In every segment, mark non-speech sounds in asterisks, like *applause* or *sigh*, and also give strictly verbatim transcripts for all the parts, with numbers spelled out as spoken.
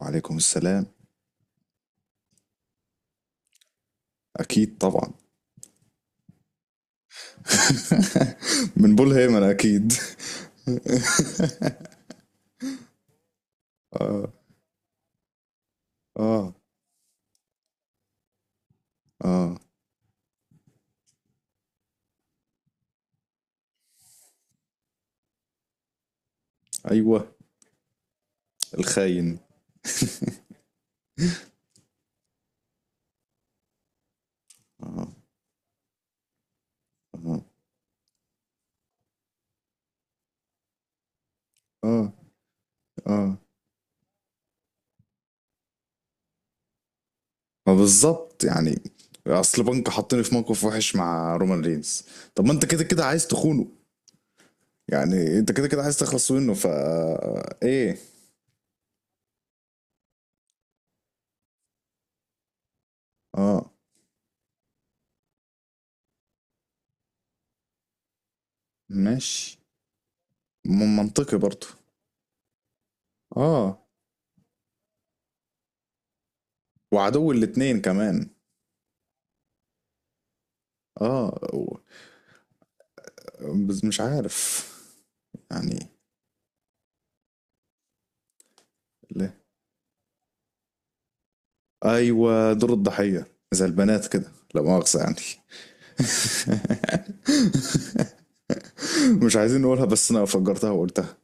وعليكم السلام. أكيد طبعا. *laughs* من بول هيمن أكيد. *laughs* آه. آه. آه. أيوه. الخاين. آه. آه. آه. آه. ما بالظبط يعني. أصل بنك حطني في موقف وحش مع رومان رينز. طب ما أنت كده كده عايز تخونه، يعني أنت كده كده عايز تخلص منه، فا إيه؟ آه. ماشي. م- منطقي برضه. آه. وعدو الاتنين كمان. آه. بس مش عارف يعني ليه. ايوه، دور الضحيه. زي البنات كده، لا مؤاخذه يعني. *laughs* مش عايزين نقولها بس انا فجرتها وقلتها.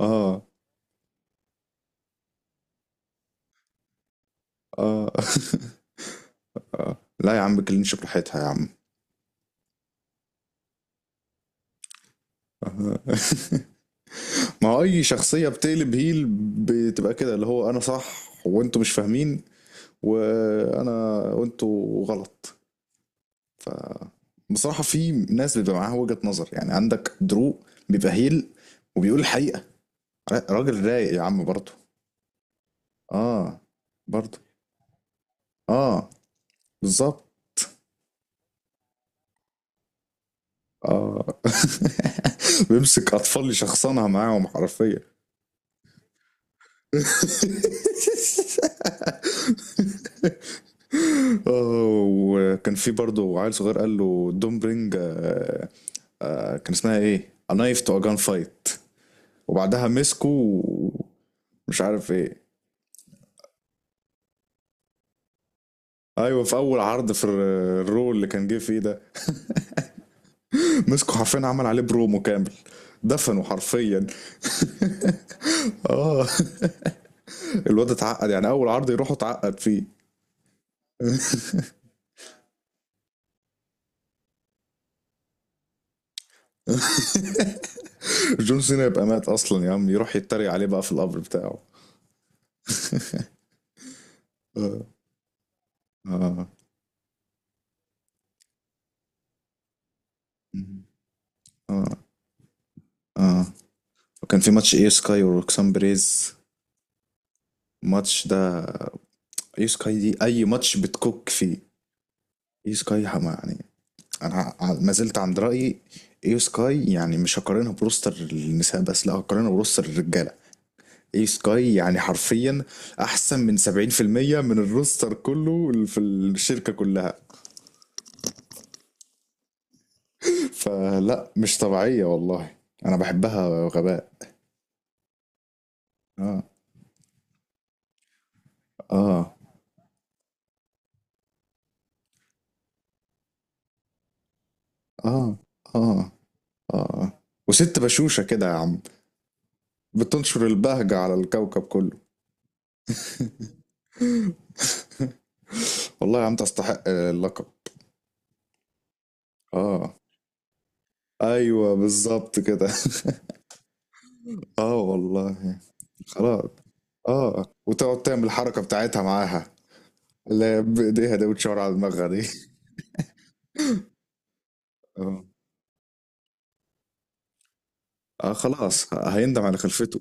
اه. اه. *laughs* اه لا يا عم، كلينش براحتها يا عم. *laughs* ما هو اي شخصيه بتقلب هيل بتبقى كده، اللي هو انا صح وانتوا مش فاهمين، وانا وانتوا غلط. ف بصراحة في ناس بيبقى معاها وجهة نظر، يعني عندك دروق بيبقى هيل وبيقول الحقيقة. را- راجل رايق يا عم برضه. اه. برضه. اه. بالظبط. اه. *laughs* بيمسك اطفال يشخصنها معاهم حرفيا. *laughs* اه، وكان في برضه عيل صغير قال له دون برينج. آه. آه كان اسمها ايه A knife to a gun fight. وبعدها مسكه، مش عارف ايه. ايوه في اول عرض في الر- الرو اللي كان جه فيه ده. مسكوا حرفيا، عمل عليه برومو كامل، دفنوا حرفيا. *laughs* اه. الواد اتعقد يعني، اول عرض يروح اتعقد فيه. *laughs* جون سينا يبقى مات اصلا يا عم، يروح يتريق عليه بقى في القبر بتاعه. اه. اه. اه. اه. وكان في ماتش اي سكاي وروكسان بريز. الماتش ده، اي سكاي دي اي ماتش بتكوك فيه. اي سكاي حما يعني. انا ع- ما زلت عند رايي. ايو سكاي يعني مش هقارنها بروستر النساء، بس لا هقارنها بروستر الرجاله. ايو سكاي يعني حرفيا احسن من سبعين في المية من الروستر كله اللي في الشركه كلها. فلا، مش طبيعيه والله. انا بحبها غباء. اه. اه. اه. اه. اه. وست بشوشه كده يا عم، بتنشر البهجه على الكوكب كله. *laughs* والله يا عم تستحق اللقب. اه. ايوه بالظبط كده. *laughs* اه والله. خلاص. اه، وتقعد تعمل الحركة بتاعتها معاها، اللي هي بإيديها دي وتشاور على دماغها دي. اه. آه، خلاص ه- هيندم على خلفته.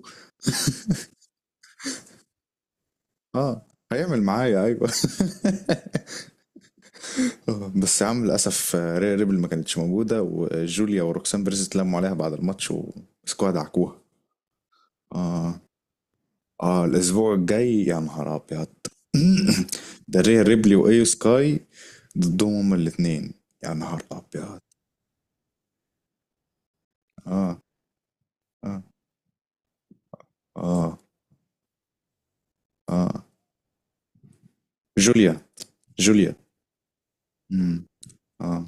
اه. هيعمل معايا، ايوه. *laughs* آه، بس يا عم للاسف. آه، ريا ريبل ما كانتش موجوده، وجوليا وروكسان بيريز اتلموا عليها بعد الماتش ومسكوها دعكوها. اه. اه الاسبوع الجاي يا نهار ابيض. *clears throat* ده ريا ريبلي وايو سكاي ضدهم هما الاتنين. يا نهار ابيض. اه. اه. اه. اه. جوليا. جوليا. امم. اه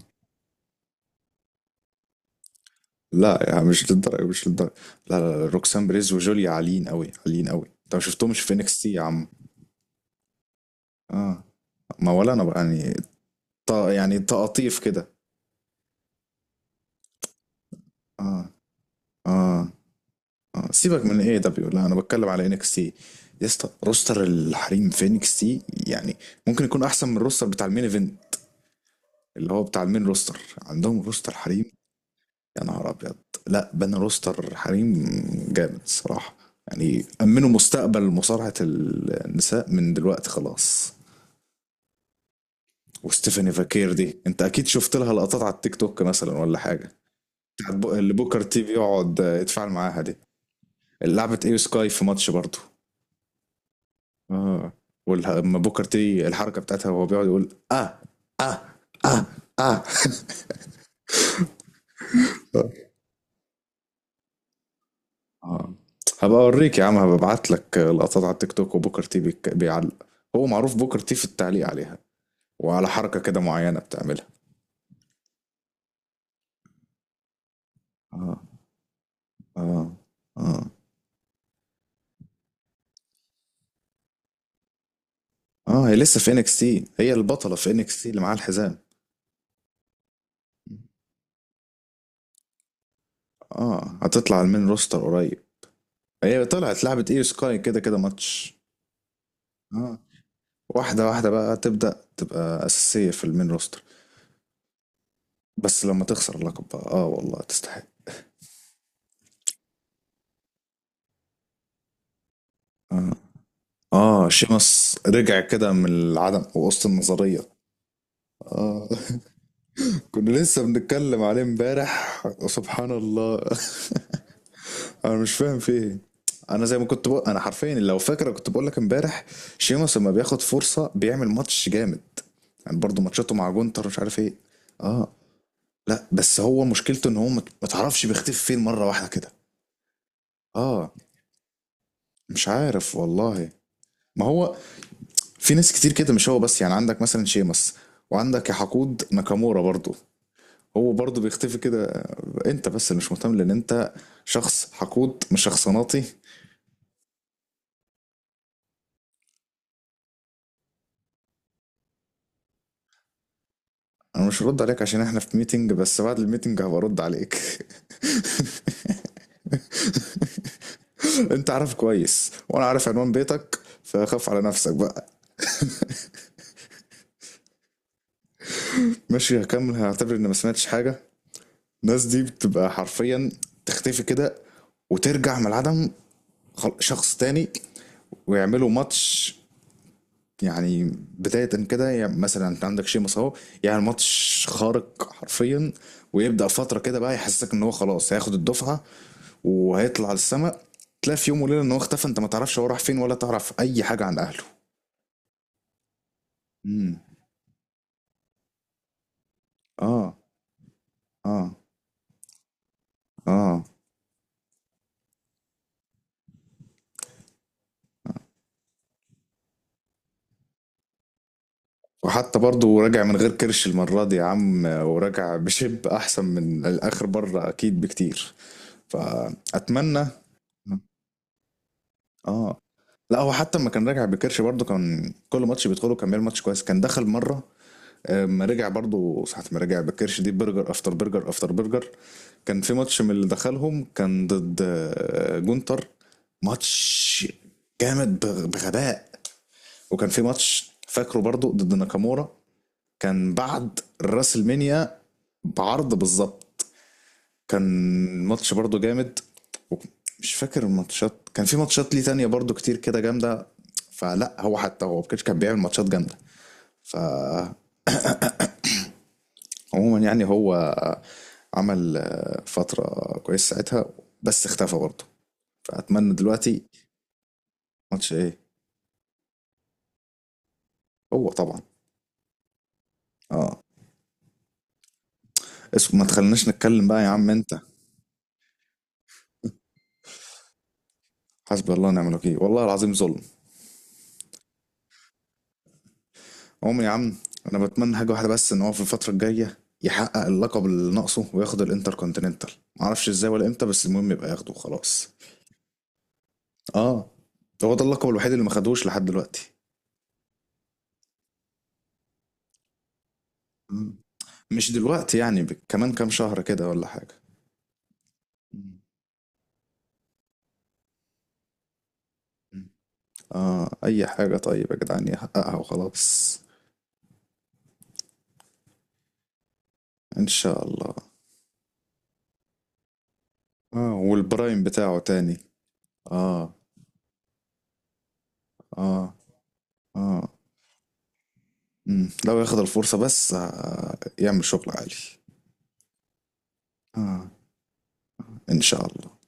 لا يا عم، مش للدرجه مش للدرجه. لا لا، لا. روكسان بريز وجوليا عاليين قوي، عاليين قوي. انت ما شفتهمش في انكس تي يا عم. اه. ما ولا انا بقى يعني. ط... يعني تقاطيف كده. اه. اه. اه سيبك من ايه دبليو، لا انا بتكلم على انكس تي. يا اسطى روستر الحريم في انكس تي يعني ممكن يكون احسن من الروستر بتاع المين ايفنت، اللي هو بتاع المين روستر. عندهم روستر حريم، يا نهار ابيض. لا بنى، روستر حريم جامد الصراحه. يعني امنوا مستقبل مصارعه النساء من دلوقتي خلاص. وستيفاني فاكير دي انت اكيد شفت لها لقطات على التيك توك مثلا ولا حاجه. بتاعت بو- اللي بوكر تي في يقعد يتفاعل معاها دي، اللي لعبت ايو سكاي في ماتش برضه. اه. ولما بوكر تي الحركه بتاعتها وهو بيقعد يقول اه. اه. اه. اه. اه. هبقى اوريك يا عم، هبقى ابعت لك لقطات على التيك توك وبوكر تي بيك- بيعلق. هو معروف بوكر تي في التعليق عليها وعلى حركة كده معينة بتعملها. اه. اه. اه. اه. هي لسه في انكس تي، هي البطلة في انكس تي اللي معاها الحزام. اه هتطلع المين روستر قريب. هي طلعت لعبة ايو سكاي كده كده ماتش. اه. واحدة واحدة بقى تبدأ تبقى أساسية في المين روستر. بس لما تخسر اللقب بقى، اه والله تستحق. اه. اه. شيمس رجع كده من العدم وسط النظرية. اه. *laughs* كنا لسه بنتكلم عليه امبارح سبحان الله. *laughs* انا مش فاهم في ايه. انا زي ما كنت بقول، انا حرفيا لو فاكره كنت بقول لك امبارح، شيمس لما بياخد فرصه بيعمل ماتش جامد. يعني برضه ماتشاته مع جونتر مش عارف ايه. اه. لا بس هو مشكلته ان هو ما ما تعرفش بيختفي فين مره واحده كده. اه. مش عارف والله. ما هو في ناس كتير كده مش هو بس، يعني عندك مثلا شيمس، وعندك يا حقود ناكامورا برضو. هو برضه بيختفي كده. انت بس اللي مش مهتم لان انت شخص حقود مش شخصناتي. انا مش هرد عليك عشان احنا في ميتنج، بس بعد الميتنج هبقى ارد عليك. *laughs* انت عارف كويس وانا عارف عنوان بيتك، فخاف على نفسك بقى. ماشي، هكمل هعتبر اني ما سمعتش حاجه. الناس دي بتبقى حرفيا تختفي كده وترجع من العدم خل- شخص تاني، ويعملوا ماتش يعني بداية كده. يعني مثلا انت عندك شيمس اهو، يعني ماتش خارق حرفيا، ويبدأ فترة كده بقى يحسسك ان هو خلاص هياخد الدفعة وهيطلع السماء. تلاقي في يوم وليلة ان هو اختفى، انت ما تعرفش هو راح فين ولا تعرف اي حاجة عن اهله. امم. اه. اه. اه. وحتى برضه راجع من غير كرش المرة دي يا عم، وراجع بشيب احسن من الاخر بره اكيد بكتير. فاتمنى. اه. لا هو حتى لما كان راجع بكرش برضه كان كل ماتش بيدخله كان بيعمل ماتش كويس، كان دخل مره. اما رجع برضه ساعة ما رجع بكرش دي برجر افتر برجر افتر برجر. كان في ماتش من اللي دخلهم كان ضد آه، جونتر. ماتش جامد بغ- بغباء. وكان في ماتش فاكره برضه ضد ناكامورا، كان بعد الراسلمينيا بعرض بالظبط. كان ماتش برضو جامد. وك- مش فاكر الماتشات، كان في ماتشات ليه تانية برضو كتير كده جامدة. فلا هو حتى هو كده كان بيعمل ماتشات جامدة. فعموما يعني هو عمل آه، فترة كويسة ساعتها، بس اختفى برضه. فأتمنى دلوقتي ماتش ايه. هو طبعا. اه. اسم ما تخليناش نتكلم بقى يا عم انت. حسبي الله ونعم الوكيل والله العظيم ظلم عمري يا عم. انا بتمنى حاجه واحده بس، ان هو في الفتره الجايه يحقق اللقب اللي ناقصه وياخد الانتركونتيننتال. معرفش ازاي ولا امتى، بس المهم يبقى ياخده وخلاص. اه. هو ده اللقب الوحيد اللي ما خدوش لحد دلوقتي. مم. مش دلوقتي يعني، ب- كمان كام شهر كده ولا حاجه. مم. مم. اه اي حاجه طيب يا جدعان يحققها وخلاص. ان شاء الله. اه والبرايم بتاعه تاني. اه. اه. اه. مم. لو ياخد الفرصه بس آه يعمل شغل عالي. اه. ان شاء الله.